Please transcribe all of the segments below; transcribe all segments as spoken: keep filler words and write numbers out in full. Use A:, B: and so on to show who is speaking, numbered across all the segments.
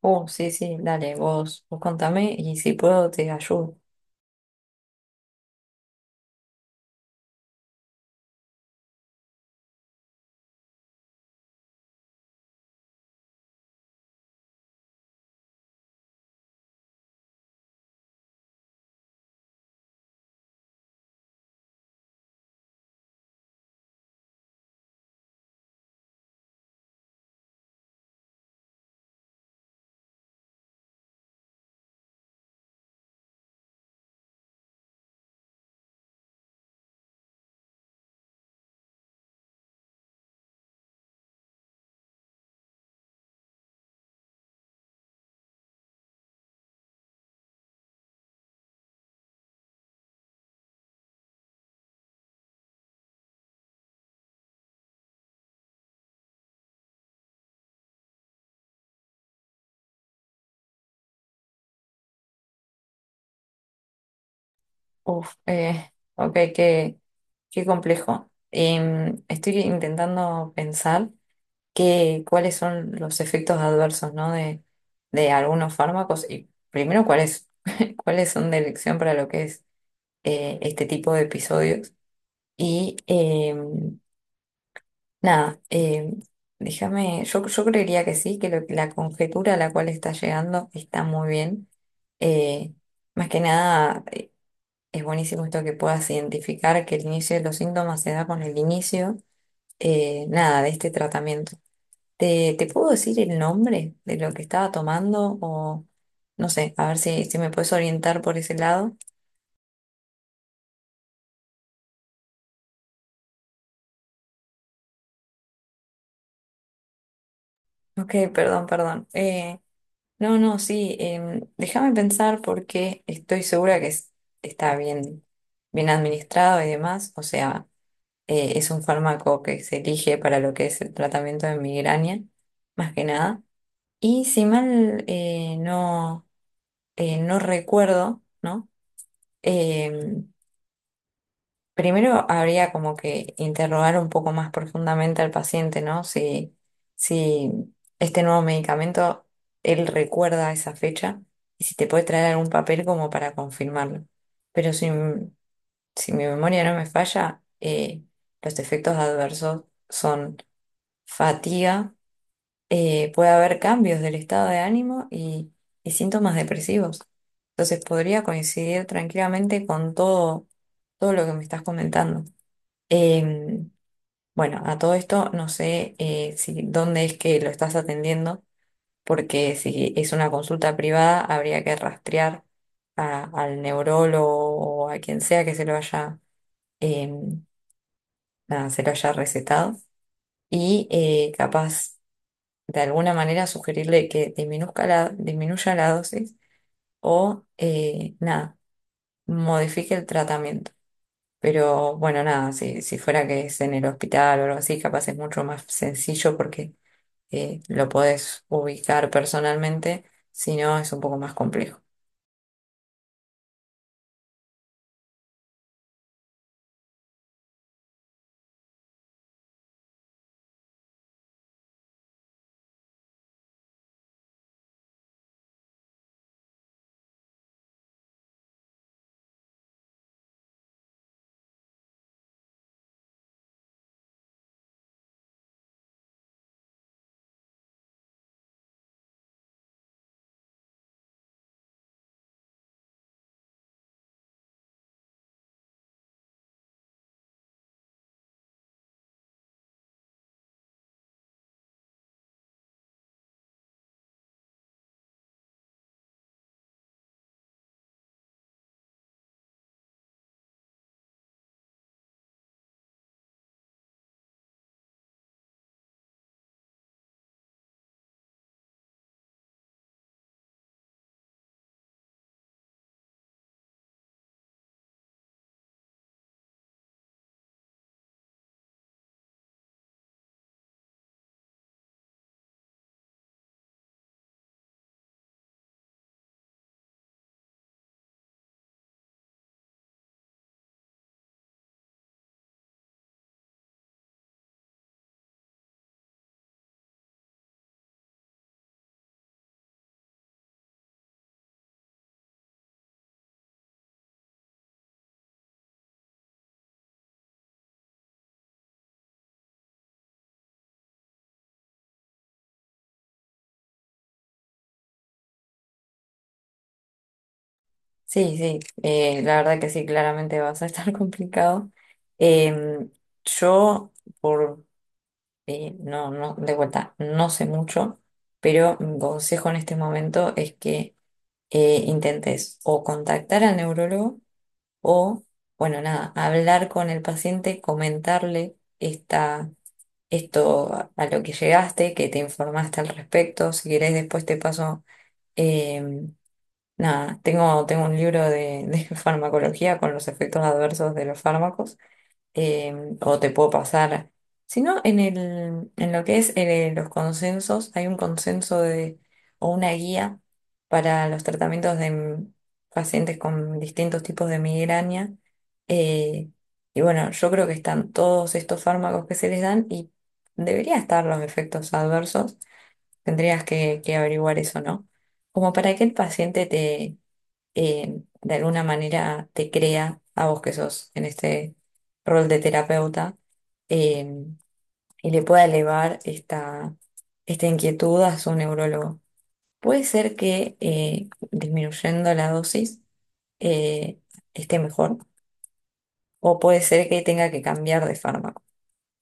A: Uh, sí, sí, dale, vos, vos contame y si puedo te ayudo. Uf, eh, ok, qué, qué complejo. Em, estoy intentando pensar que, cuáles son los efectos adversos, ¿no? De, de algunos fármacos y primero cuáles, cuáles son de elección para lo que es eh, este tipo de episodios y, em, Nada, eh, déjame, yo, yo creería que sí, que lo- la conjetura a la cual está llegando está muy bien. Eh, más que nada, es buenísimo esto que puedas identificar que el inicio de los síntomas se da con el inicio, eh, nada, de este tratamiento. ¿Te, te puedo decir el nombre de lo que estaba tomando o no sé, a ver si, si me puedes orientar por ese lado? Ok, perdón, perdón. Eh, No, no, sí, em, déjame pensar porque estoy segura que es- está bien, bien administrado y demás. O sea, eh, es un fármaco que se elige para lo que es el tratamiento de migraña, más que nada. Y si mal eh, no, eh, no recuerdo, ¿no? Em, Primero habría como que interrogar un poco más profundamente al paciente, ¿no? Si, si este nuevo medicamento, él recuerda esa fecha y si te puede traer algún papel como para confirmarlo. Pero si, m- si mi memoria no me falla, eh, los efectos adversos son fatiga, eh, puede haber cambios del estado de ánimo y, y síntomas depresivos. Entonces podría coincidir tranquilamente con todo, todo lo que me estás comentando. Em, bueno, a todo esto no sé eh, si dónde es que lo estás atendiendo, porque si es una consulta privada habría que rastrear a- al neurólogo o a quien sea que se lo haya, em, nada, se lo haya recetado y eh, capaz de alguna manera sugerirle que disminuzca la, disminuya la dosis o eh, nada, modifique el tratamiento. Pero bueno, nada, si, si fuera que es en el hospital o algo así, capaz es mucho más sencillo porque eh, lo podés ubicar personalmente, si no es un poco más complejo. Sí, sí, eh, la verdad que sí, claramente vas a estar complicado. Em, yo, por, eh, no, no, de vuelta, no sé mucho, pero mi consejo en este momento es que eh, intentes o contactar al neurólogo o, bueno, nada, hablar con el paciente, comentarle esta esto a, a lo que llegaste, que te informaste al respecto. Si querés, después te paso. Eh, nada, tengo, tengo un libro de, de farmacología con los efectos adversos de los fármacos em, o te puedo pasar. Sino en el, en lo que es eh, los consensos, hay un consenso de, o una guía para los tratamientos de m- pacientes con distintos tipos de migraña. eh, y bueno, yo creo que están todos estos fármacos que se les dan y debería estar los efectos adversos. Tendrías que, que averiguar eso, ¿no? Como para que el paciente te eh, de alguna manera te crea a vos que sos en este rol de terapeuta eh, y le pueda elevar esta, esta inquietud a su neurólogo. Puede ser que eh, disminuyendo la dosis eh, esté mejor o puede ser que tenga que cambiar de fármaco.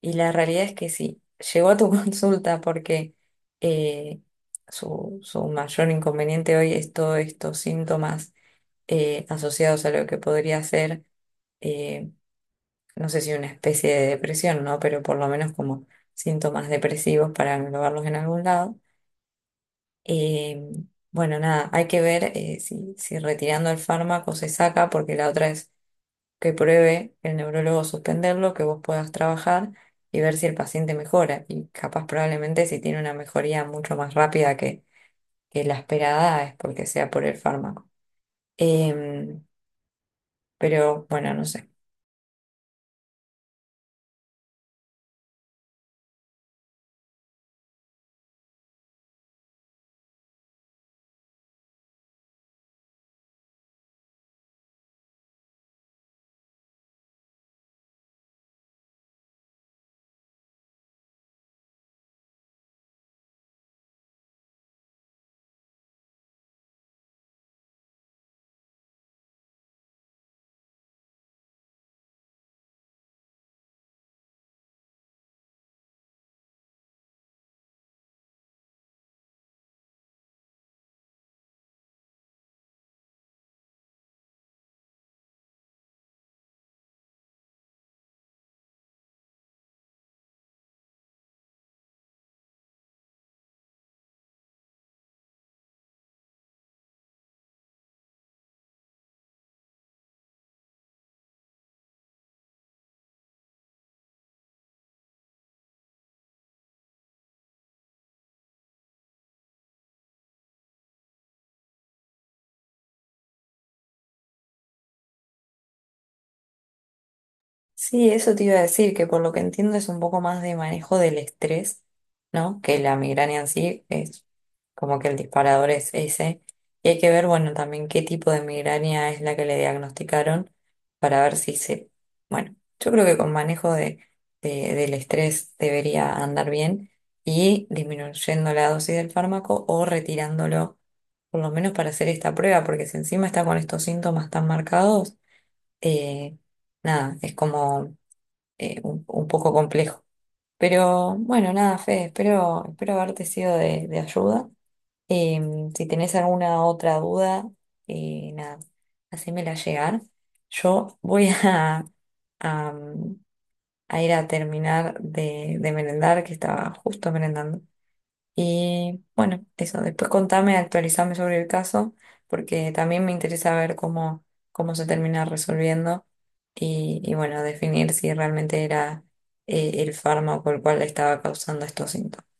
A: Y la realidad es que sí, llegó a tu consulta porque eh, su, su mayor inconveniente hoy es todos estos síntomas eh, asociados a lo que podría ser, eh, no sé si una especie de depresión, ¿no? Pero por lo menos como síntomas depresivos para englobarlos en algún lado. Eh, bueno, nada, hay que ver eh, si, si retirando el fármaco se saca, porque la otra es que pruebe el neurólogo suspenderlo, que vos puedas trabajar y ver si el paciente mejora. Y capaz probablemente si tiene una mejoría mucho más rápida que, que la esperada es porque sea por el fármaco. Em, pero bueno, no sé. Sí, eso te iba a decir, que por lo que entiendo es un poco más de manejo del estrés, ¿no? Que la migraña en sí es como que el disparador es ese. Y hay que ver, bueno, también qué tipo de migraña es la que le diagnosticaron para ver si se... Bueno, yo creo que con manejo de, de- del estrés debería andar bien y disminuyendo la dosis del fármaco o retirándolo, por lo menos para hacer esta prueba, porque si encima está con estos síntomas tan marcados, eh, nada, es como eh, un, un poco complejo. Pero bueno, nada, Fede, espero, espero haberte sido de, de ayuda. Em, si tenés alguna otra duda, eh, nada, hacémela llegar. Yo voy a, a, mm, a ir a terminar de, de merendar, que estaba justo merendando. Y bueno, eso, después contame, actualizame sobre el caso, porque también me interesa ver cómo, cómo se termina resolviendo y, y bueno, definir si realmente era eh, el fármaco el cual le estaba causando estos síntomas.